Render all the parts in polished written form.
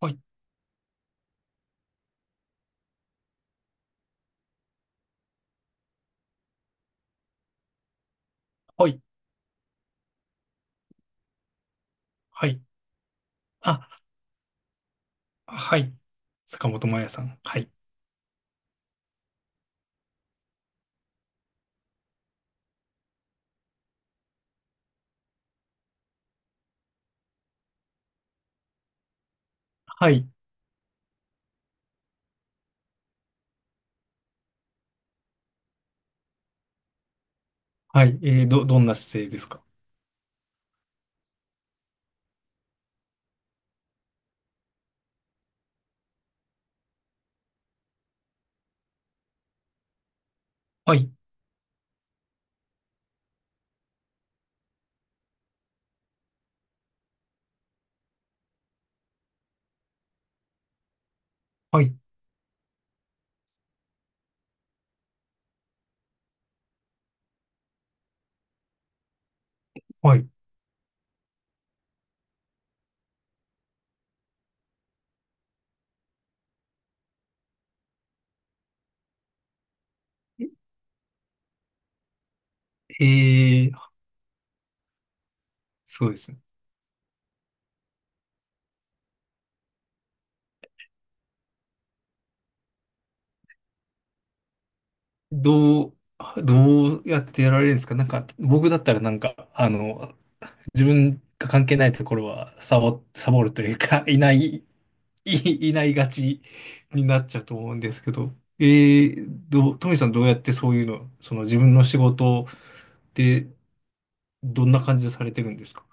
はい、はい、はい。あ、はい。坂本真綾さん。はい、はい、はい。どんな姿勢ですか？はい、はい、はい。えー、そうですね。どう、どうやってやられるんですか？僕だったら自分が関係ないところはサボるというか、いないがちになっちゃうと思うんですけど、えー、どう、トミさんどうやってそういうの、その自分の仕事で、どんな感じでされてるんですか？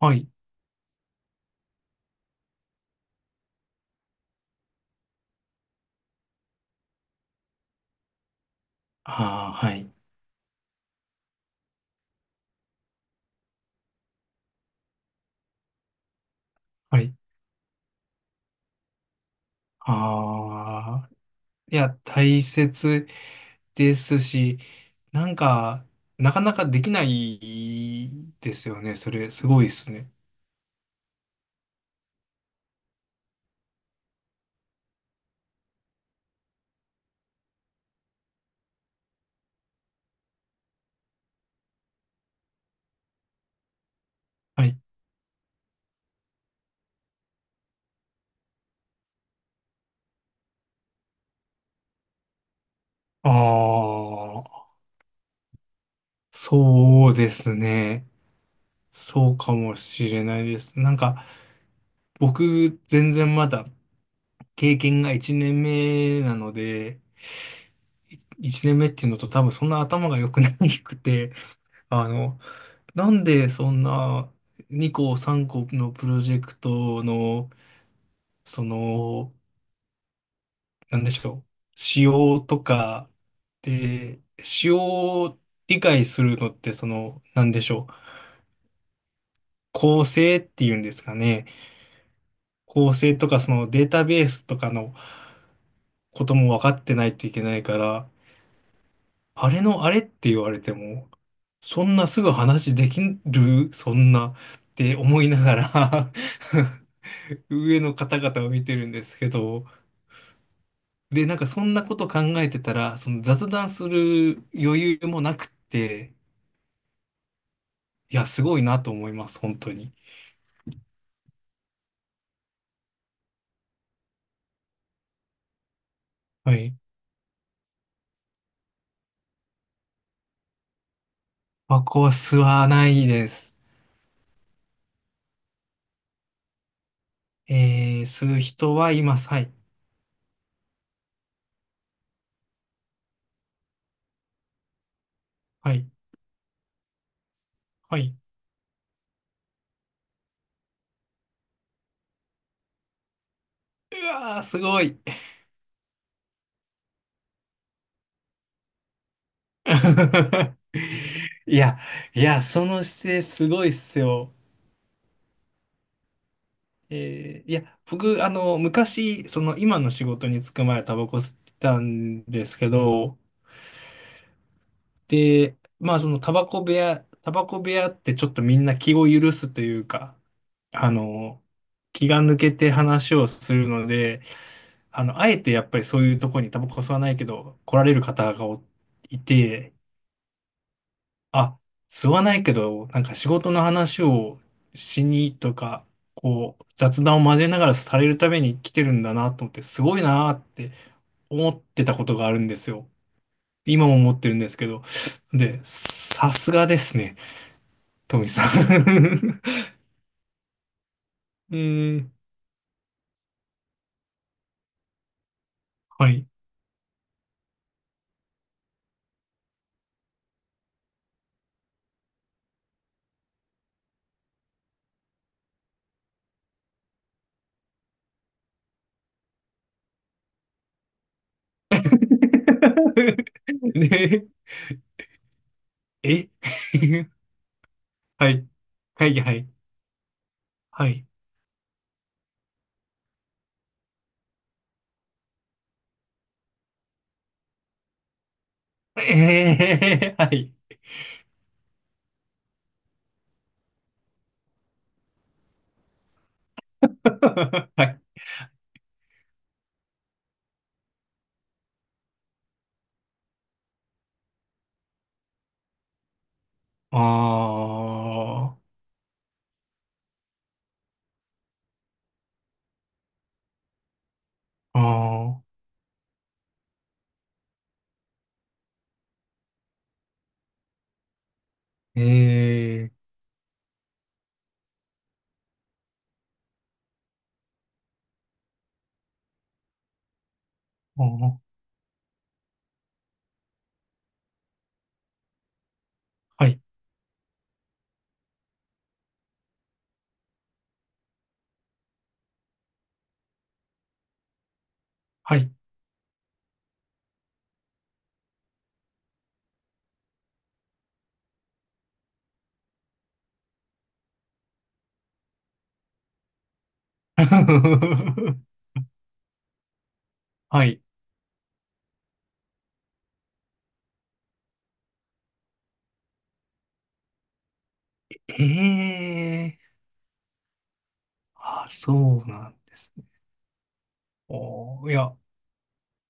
はい。ああ、はい。はい。ああ、いや、大切ですし、なんか、なかなかできないですよね。それ、すごいですね。はい。ああ、そうですね。そうかもしれないです。なんか、僕、全然まだ経験が1年目なので、い1年目っていうのと、多分そんな頭が良くなくて、あの、なんでそんな2個3個のプロジェクトの、その、なんでしょう、仕様とか、で、仕様を理解するのって、その、なんでしょう、構成っていうんですかね。構成とか、そのデータベースとかのことも分かってないといけないから、あれのあれって言われても、そんなすぐ話できるそんなって思いながら、 上の方々を見てるんですけど、で、なんかそんなこと考えてたら、その雑談する余裕もなくって、いや、すごいなと思います、本当に。はい。タコは吸わないです。えー、吸う人はいます。はい。はい。はい。うわー、すごい。いや、いや、その姿勢すごいっすよ。いや、僕、あの、昔、その今の仕事に就く前はタバコ吸ってたんですけど、で、まあそのタバコ部屋ってちょっとみんな気を許すというか、あの、気が抜けて話をするので、あの、あえてやっぱりそういうとこにタバコ吸わないけど来られる方がおいて、あ、吸わないけど、なんか仕事の話をしにとか、こう、雑談を交えながらされるために来てるんだなと思って、すごいなって思ってたことがあるんですよ。今も思ってるんですけど。で、さすがですね、トミさん。 えー、はい。ね、え。 はい。会議、はい。はい。えー、はい。はい。あー、あー、えー、あー、はい、はい。はい。えー、あ、そうなんですね。おー、いや、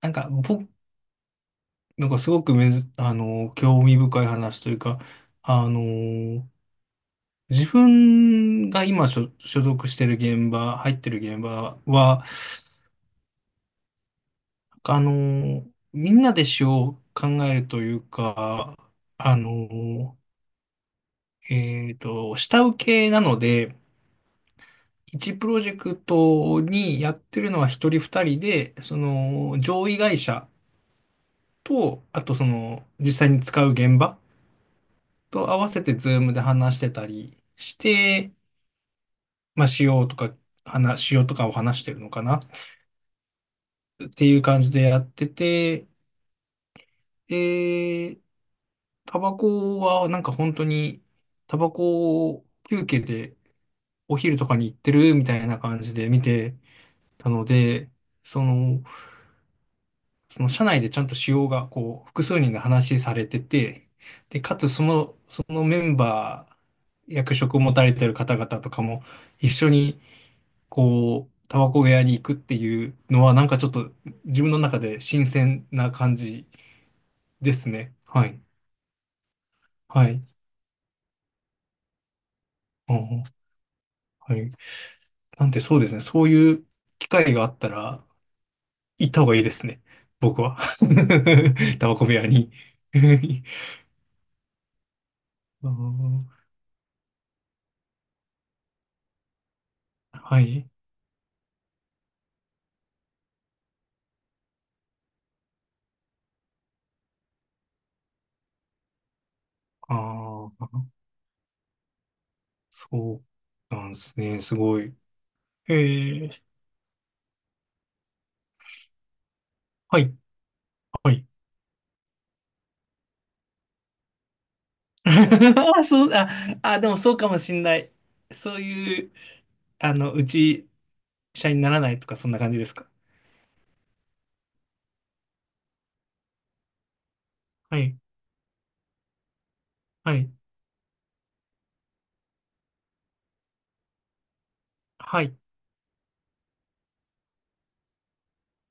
なんか、僕、なんかすごくめず、あのー興味深い話というか、あのー自分が所属してる現場、入ってる現場は、あの、みんなで詩を考えるというか、あの、えっと、下請けなので、一プロジェクトにやってるのは一人二人で、その上位会社と、あとその実際に使う現場と合わせてズームで話してたりして、まあ、仕様とか、仕様とかを話してるのかな、っていう感じでやってて、で、タバコはなんか本当に、タバコを休憩でお昼とかに行ってるみたいな感じで見てたので、その、その社内でちゃんと使用がこう複数人が話されてて、で、かつその、そのメンバー、役職を持たれてる方々とかも一緒にこう、タバコ部屋に行くっていうのはなんかちょっと自分の中で新鮮な感じですね。はい。はい。うん、はい。なんでそうですね。そういう機会があったら、行った方がいいですね、僕は。タバコ部屋に。 あー、はい。ああ、そうなんですね。すごい。ええ、はい、はい。そう、あ、でもそうかもしんない。そういう、あの、うち、社員にならないとか、そんな感じですか？はい、はい、はい、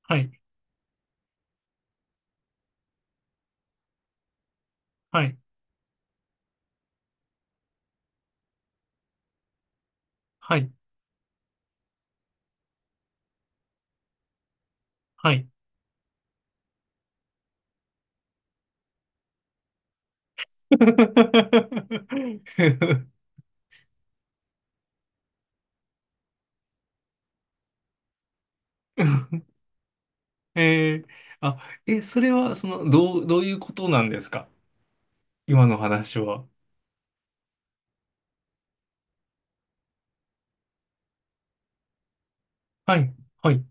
はい、はい、はい。はい。 えー、あ、え、それは、その、どういうことなんですか、今の話は。はい、はい、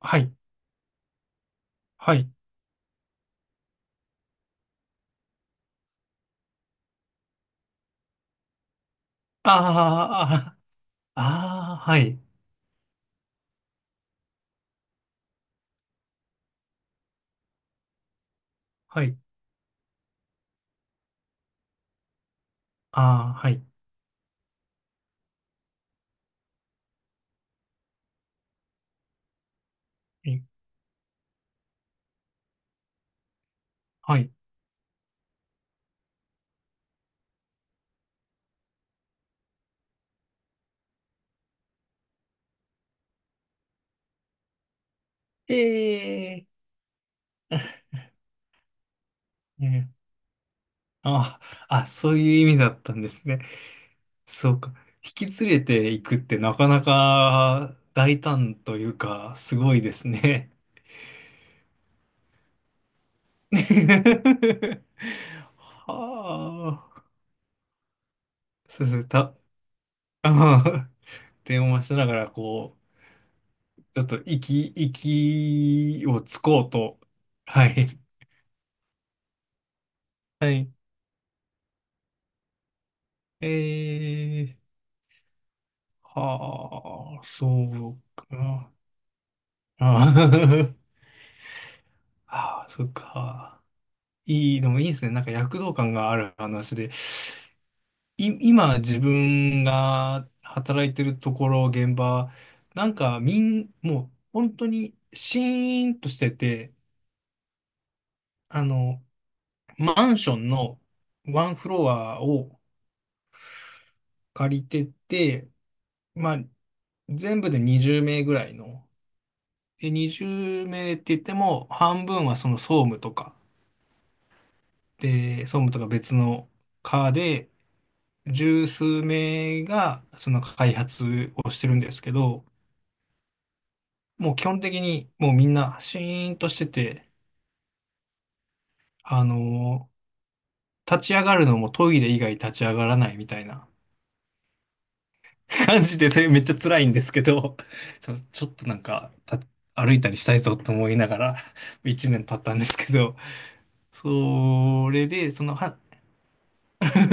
はい、はい。ああ、ああ、はい、はい、ああ、はい、はい。えええー、ああ、あ、そういう意味だったんですね。そうか。引き連れていくってなかなか大胆というか、すごいですね。はあ。そうすねた、ああ電話しながら、こう、ちょっと息をつこうと。はい。はい。えー、はあ、そうか。ああ。 ああ、そっか。いい、でもいいですね。なんか躍動感がある話で。今自分が働いてるところ、現場、なんかもう本当にシーンとしてて、あの、マンションのワンフロアを借りてて、まあ、全部で20名ぐらいの、で、20名って言っても、半分はその総務とか、で、総務とか別の課で、十数名がその開発をしてるんですけど、もう基本的にもうみんなシーンとしてて、あのー立ち上がるのもトイレ以外立ち上がらないみたいな、 感じで、それめっちゃ辛いんですけど、ちょっとなんか、歩いたりしたいぞと思いながら、1年経ったんですけど、それで、その、は、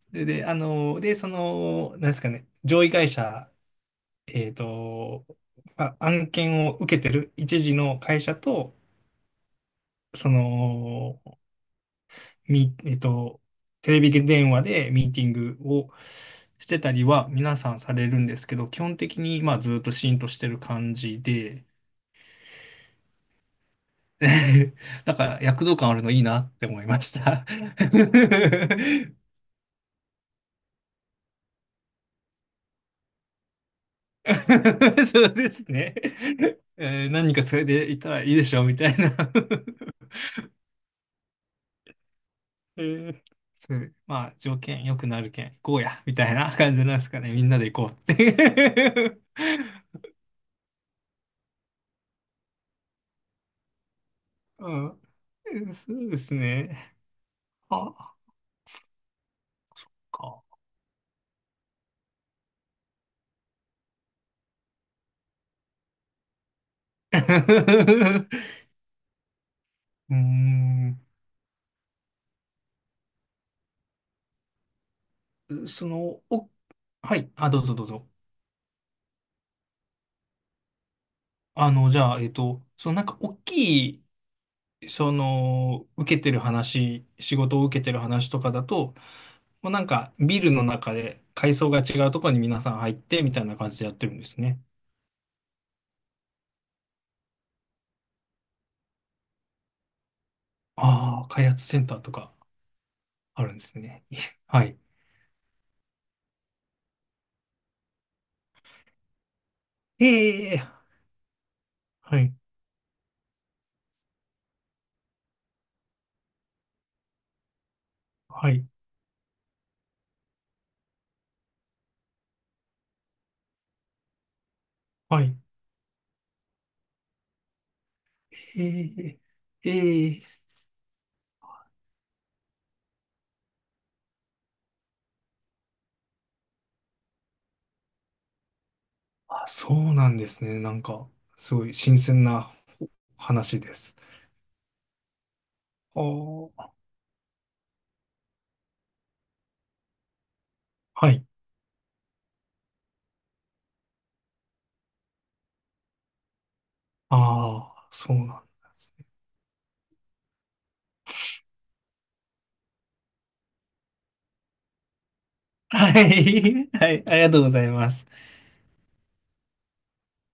それで、あのーで、その、なんですかね、上位会社、えっと、まあ、案件を受けてる一時の会社と、その、えっと、テレビ電話でミーティングをしてたりは皆さんされるんですけど、基本的にまあずっとシーンとしてる感じで、なんか躍動感あるのいいなって思いました。そうですね。えー何人か連れて行ったらいいでしょみたいな。 えー、そう、まあ条件良くなるけん行こうやみたいな、 感じなんですかね。みんなで行こうって。 うん、そうですね。ああ、か。うーん。その、お、はい。あ、どうぞどうぞ。あの、じゃあ、えっと、そのなんか大きい、その、受けてる話、仕事を受けてる話とかだと、もうなんかビルの中で階層が違うところに皆さん入ってみたいな感じでやってるんですね。ああ、開発センターとかあるんですね。はい。ええ、はい。はい。はい。ええええ、そうなんですね。なんか、すごい新鮮な話です。あー、はい。ああ、そうなんですね。はい。はい。ありがとうございます。